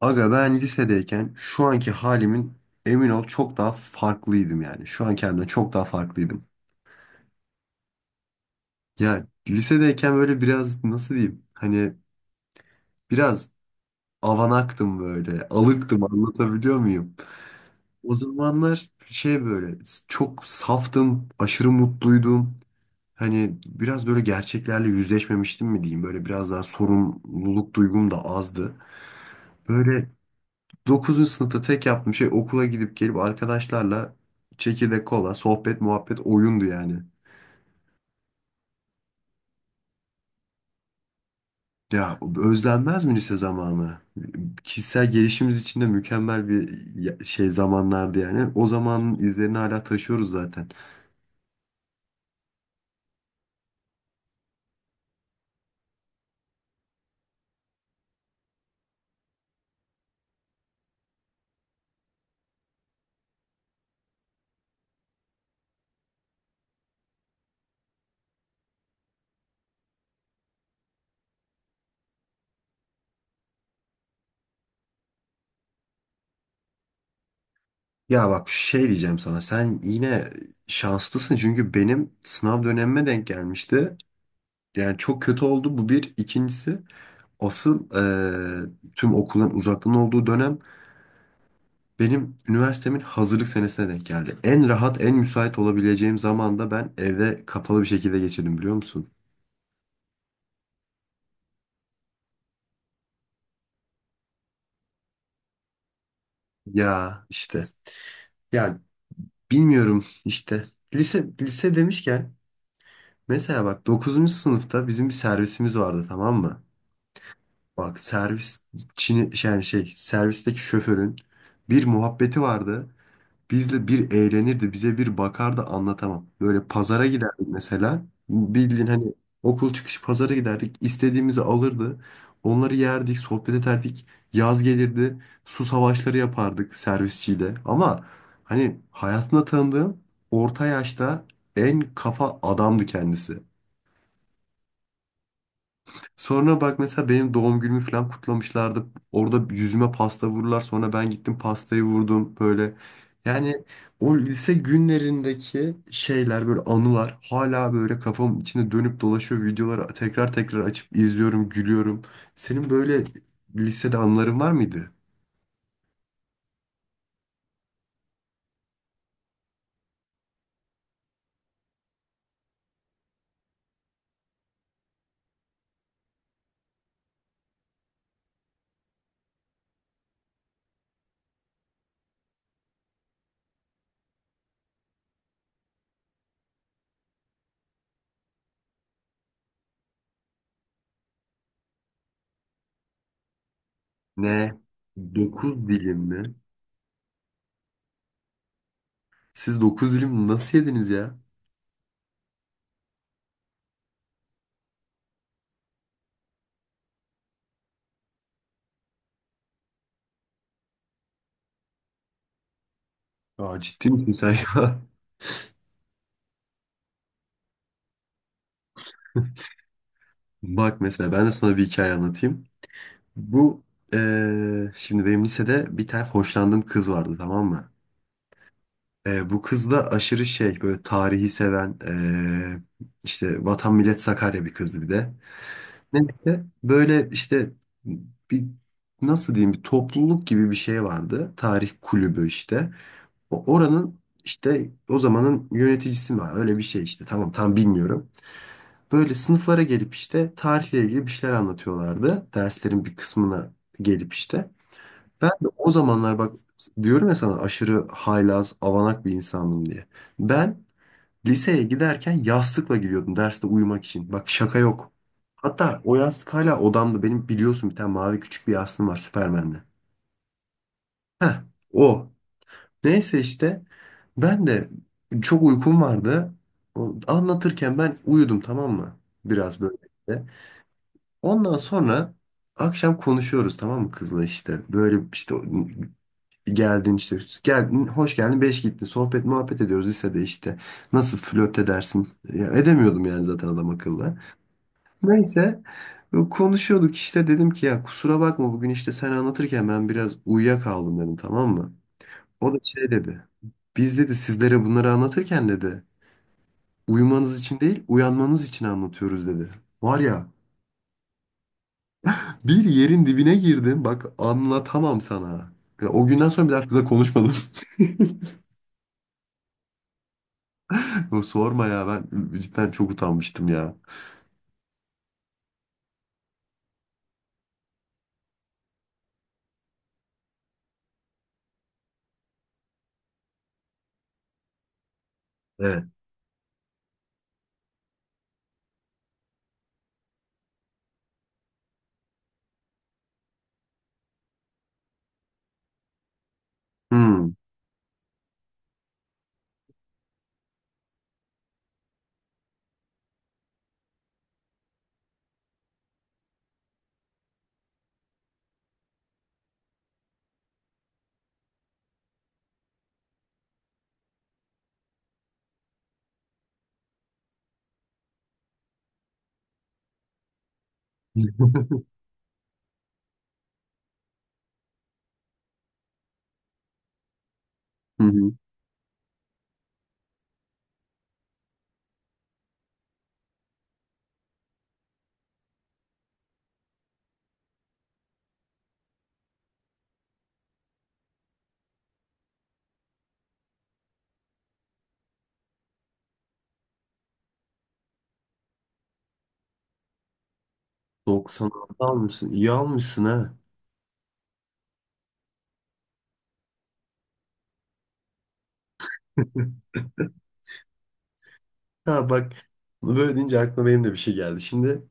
Aga, ben lisedeyken şu anki halimin, emin ol, çok daha farklıydım yani. Şu an kendimden çok daha farklıydım. Ya lisedeyken böyle biraz nasıl diyeyim? Hani biraz avanaktım böyle. Alıktım, anlatabiliyor muyum? O zamanlar şey böyle çok saftım, aşırı mutluydum. Hani biraz böyle gerçeklerle yüzleşmemiştim mi diyeyim. Böyle biraz daha sorumluluk duygum da azdı. Böyle 9. sınıfta tek yaptığım şey okula gidip gelip arkadaşlarla çekirdek, kola, sohbet, muhabbet, oyundu yani. Ya özlenmez mi lise zamanı? Kişisel gelişimimiz için de mükemmel bir şey zamanlardı yani. O zamanın izlerini hala taşıyoruz zaten. Ya bak, şey diyeceğim sana. Sen yine şanslısın, çünkü benim sınav dönemime denk gelmişti. Yani çok kötü oldu bu bir. İkincisi, asıl tüm okulun uzaktan olduğu dönem. Benim üniversitemin hazırlık senesine denk geldi. En rahat, en müsait olabileceğim zamanda ben evde kapalı bir şekilde geçirdim, biliyor musun? Ya işte. Yani bilmiyorum işte. Lise, lise demişken mesela bak, dokuzuncu sınıfta bizim bir servisimiz vardı, tamam mı? Bak servis yani şey servisteki şoförün bir muhabbeti vardı. Bizle bir eğlenirdi, bize bir bakardı, anlatamam. Böyle pazara giderdik mesela. Bildiğin hani okul çıkışı pazara giderdik. İstediğimizi alırdı. Onları yerdik, sohbet ederdik. Yaz gelirdi, su savaşları yapardık servisçiyle. Ama hani hayatımda tanıdığım orta yaşta en kafa adamdı kendisi. Sonra bak, mesela benim doğum günümü falan kutlamışlardı. Orada yüzüme pasta vururlar. Sonra ben gittim pastayı vurdum böyle. Yani o lise günlerindeki şeyler, böyle anılar hala böyle kafamın içinde dönüp dolaşıyor. Videoları tekrar tekrar açıp izliyorum, gülüyorum. Senin böyle lisede anıların var mıydı? Ne? Dokuz dilim mi? Siz dokuz dilim nasıl yediniz ya? Aa, ciddi misin sen ya? Bak mesela ben de sana bir hikaye anlatayım. Bu şimdi benim lisede bir tane hoşlandığım kız vardı, tamam mı? Bu kız da aşırı şey, böyle tarihi seven, işte Vatan Millet Sakarya bir kızdı bir de. Neyse böyle işte bir nasıl diyeyim, bir topluluk gibi bir şey vardı. Tarih kulübü işte. Oranın işte o zamanın yöneticisi mi var? Öyle bir şey işte, tamam tam bilmiyorum. Böyle sınıflara gelip işte tarihle ilgili bir şeyler anlatıyorlardı. Derslerin bir kısmına gelip işte. Ben de o zamanlar bak, diyorum ya sana aşırı haylaz, avanak bir insanım diye. Ben liseye giderken yastıkla gidiyordum derste uyumak için. Bak şaka yok. Hatta o yastık hala odamda. Benim biliyorsun bir tane mavi küçük bir yastığım var, Süpermen'de. Heh, o. Neyse işte ben de çok uykum vardı. Anlatırken ben uyudum, tamam mı? Biraz böyle işte. Ondan sonra akşam konuşuyoruz, tamam mı, kızla işte. Böyle işte geldin işte. Geldin, hoş geldin, beş gittin. Sohbet muhabbet ediyoruz lisede işte. Nasıl flört edersin? Ya, edemiyordum yani zaten adam akıllı. Neyse konuşuyorduk işte, dedim ki ya kusura bakma, bugün işte sen anlatırken ben biraz uyuyakaldım dedim, tamam mı? O da şey dedi. Biz dedi sizlere bunları anlatırken dedi uyumanız için değil, uyanmanız için anlatıyoruz dedi. Var ya, bir yerin dibine girdim, bak anlatamam sana. Ya, o günden sonra bir daha kıza konuşmadım. Yo, sorma ya, ben cidden çok utanmıştım ya. Evet. Hmm. Hı hı. 96 almışsın. İyi almışsın ha. Ha bak, böyle deyince aklıma benim de bir şey geldi. Şimdi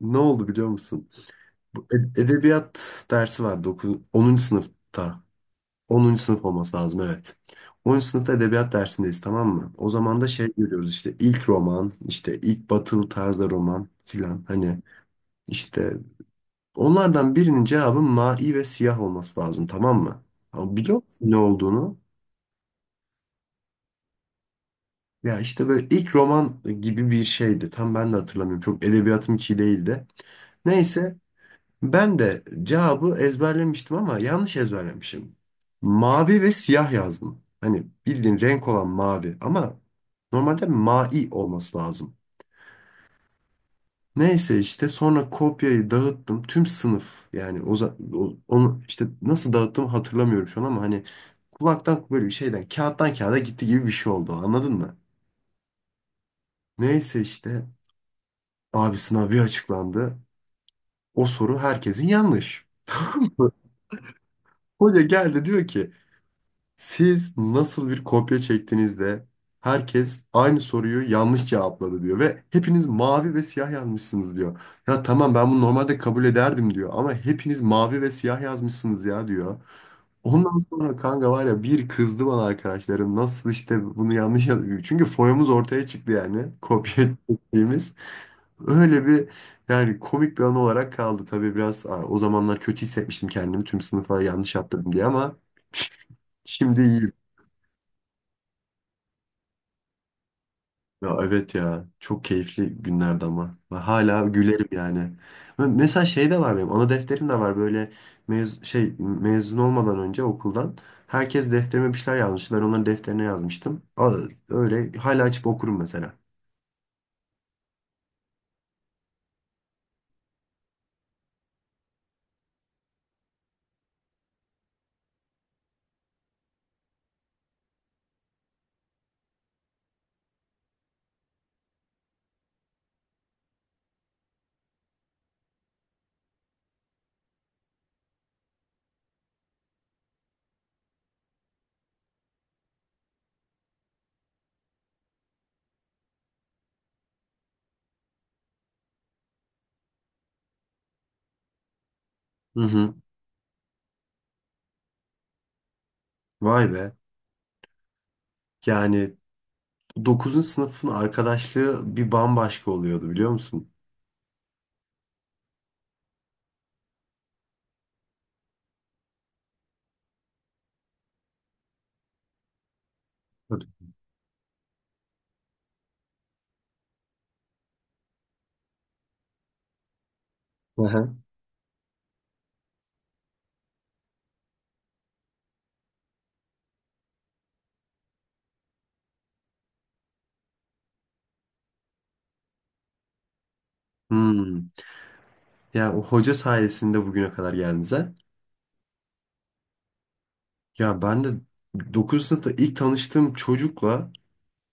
ne oldu biliyor musun? Bu Edebiyat dersi vardı 10. sınıfta. 10. sınıf olması lazım, evet. 10. sınıfta edebiyat dersindeyiz, tamam mı? O zaman da şey görüyoruz işte, ilk roman, işte ilk batılı tarzda roman filan. Hani işte onlardan birinin cevabı mavi ve siyah olması lazım, tamam mı? Ama biliyor musun ne olduğunu? Ya işte böyle ilk roman gibi bir şeydi. Tam ben de hatırlamıyorum. Çok edebiyatım hiç iyi değildi. Neyse ben de cevabı ezberlemiştim ama yanlış ezberlemişim. Mavi ve siyah yazdım. Hani bildiğin renk olan mavi, ama normalde mai olması lazım. Neyse işte sonra kopyayı dağıttım. Tüm sınıf yani onu işte nasıl dağıttığımı hatırlamıyorum şu an, ama hani kulaktan böyle bir şeyden kağıttan kağıda gitti gibi bir şey oldu, anladın mı? Neyse işte abi sınav bir açıklandı. O soru herkesin yanlış. Hoca geldi diyor ki, siz nasıl bir kopya çektiğinizde herkes aynı soruyu yanlış cevapladı diyor ve hepiniz mavi ve siyah yazmışsınız diyor. Ya tamam, ben bunu normalde kabul ederdim diyor, ama hepiniz mavi ve siyah yazmışsınız ya diyor. Ondan sonra kanka var ya, bir kızdı bana arkadaşlarım, nasıl işte bunu yanlış yazıyor. Çünkü foyamız ortaya çıktı yani, kopya çektiğimiz. Öyle bir, yani komik bir an olarak kaldı. Tabii biraz o zamanlar kötü hissetmiştim kendimi, tüm sınıfa yanlış yaptırdım diye, ama şimdi iyi. Ya evet ya, çok keyifli günlerdi ama ve hala gülerim yani. Mesela şey de var, benim ana defterim de var böyle, mezun olmadan önce okuldan herkes defterime bir şeyler yazmıştı, ben onların defterine yazmıştım. Öyle hala açıp okurum mesela. Hı hı. Vay be, yani 9. sınıfın arkadaşlığı bir bambaşka oluyordu, biliyor musun? Tabii. Aha. Hmm. Yani o hoca sayesinde bugüne kadar geldiniz ha? Ya ben de 9. sınıfta ilk tanıştığım çocukla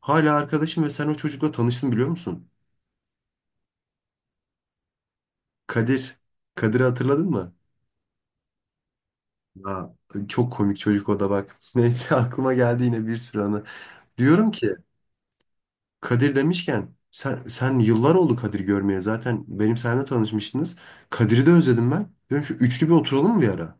hala arkadaşım ve sen o çocukla tanıştın, biliyor musun? Kadir. Kadir'i hatırladın mı? Ya, çok komik çocuk o da bak. Neyse aklıma geldi yine bir sürü anı. Diyorum ki, Kadir demişken sen yıllar oldu Kadir görmeye, zaten benim seninle tanışmıştınız. Kadir'i de özledim ben. Diyorum şu üçlü bir oturalım mı bir ara?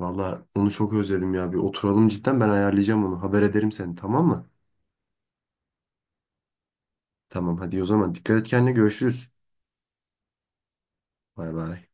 Valla onu çok özledim ya, bir oturalım cidden, ben ayarlayacağım onu. Haber ederim seni, tamam mı? Tamam hadi, o zaman dikkat et kendine, görüşürüz. Bay bay.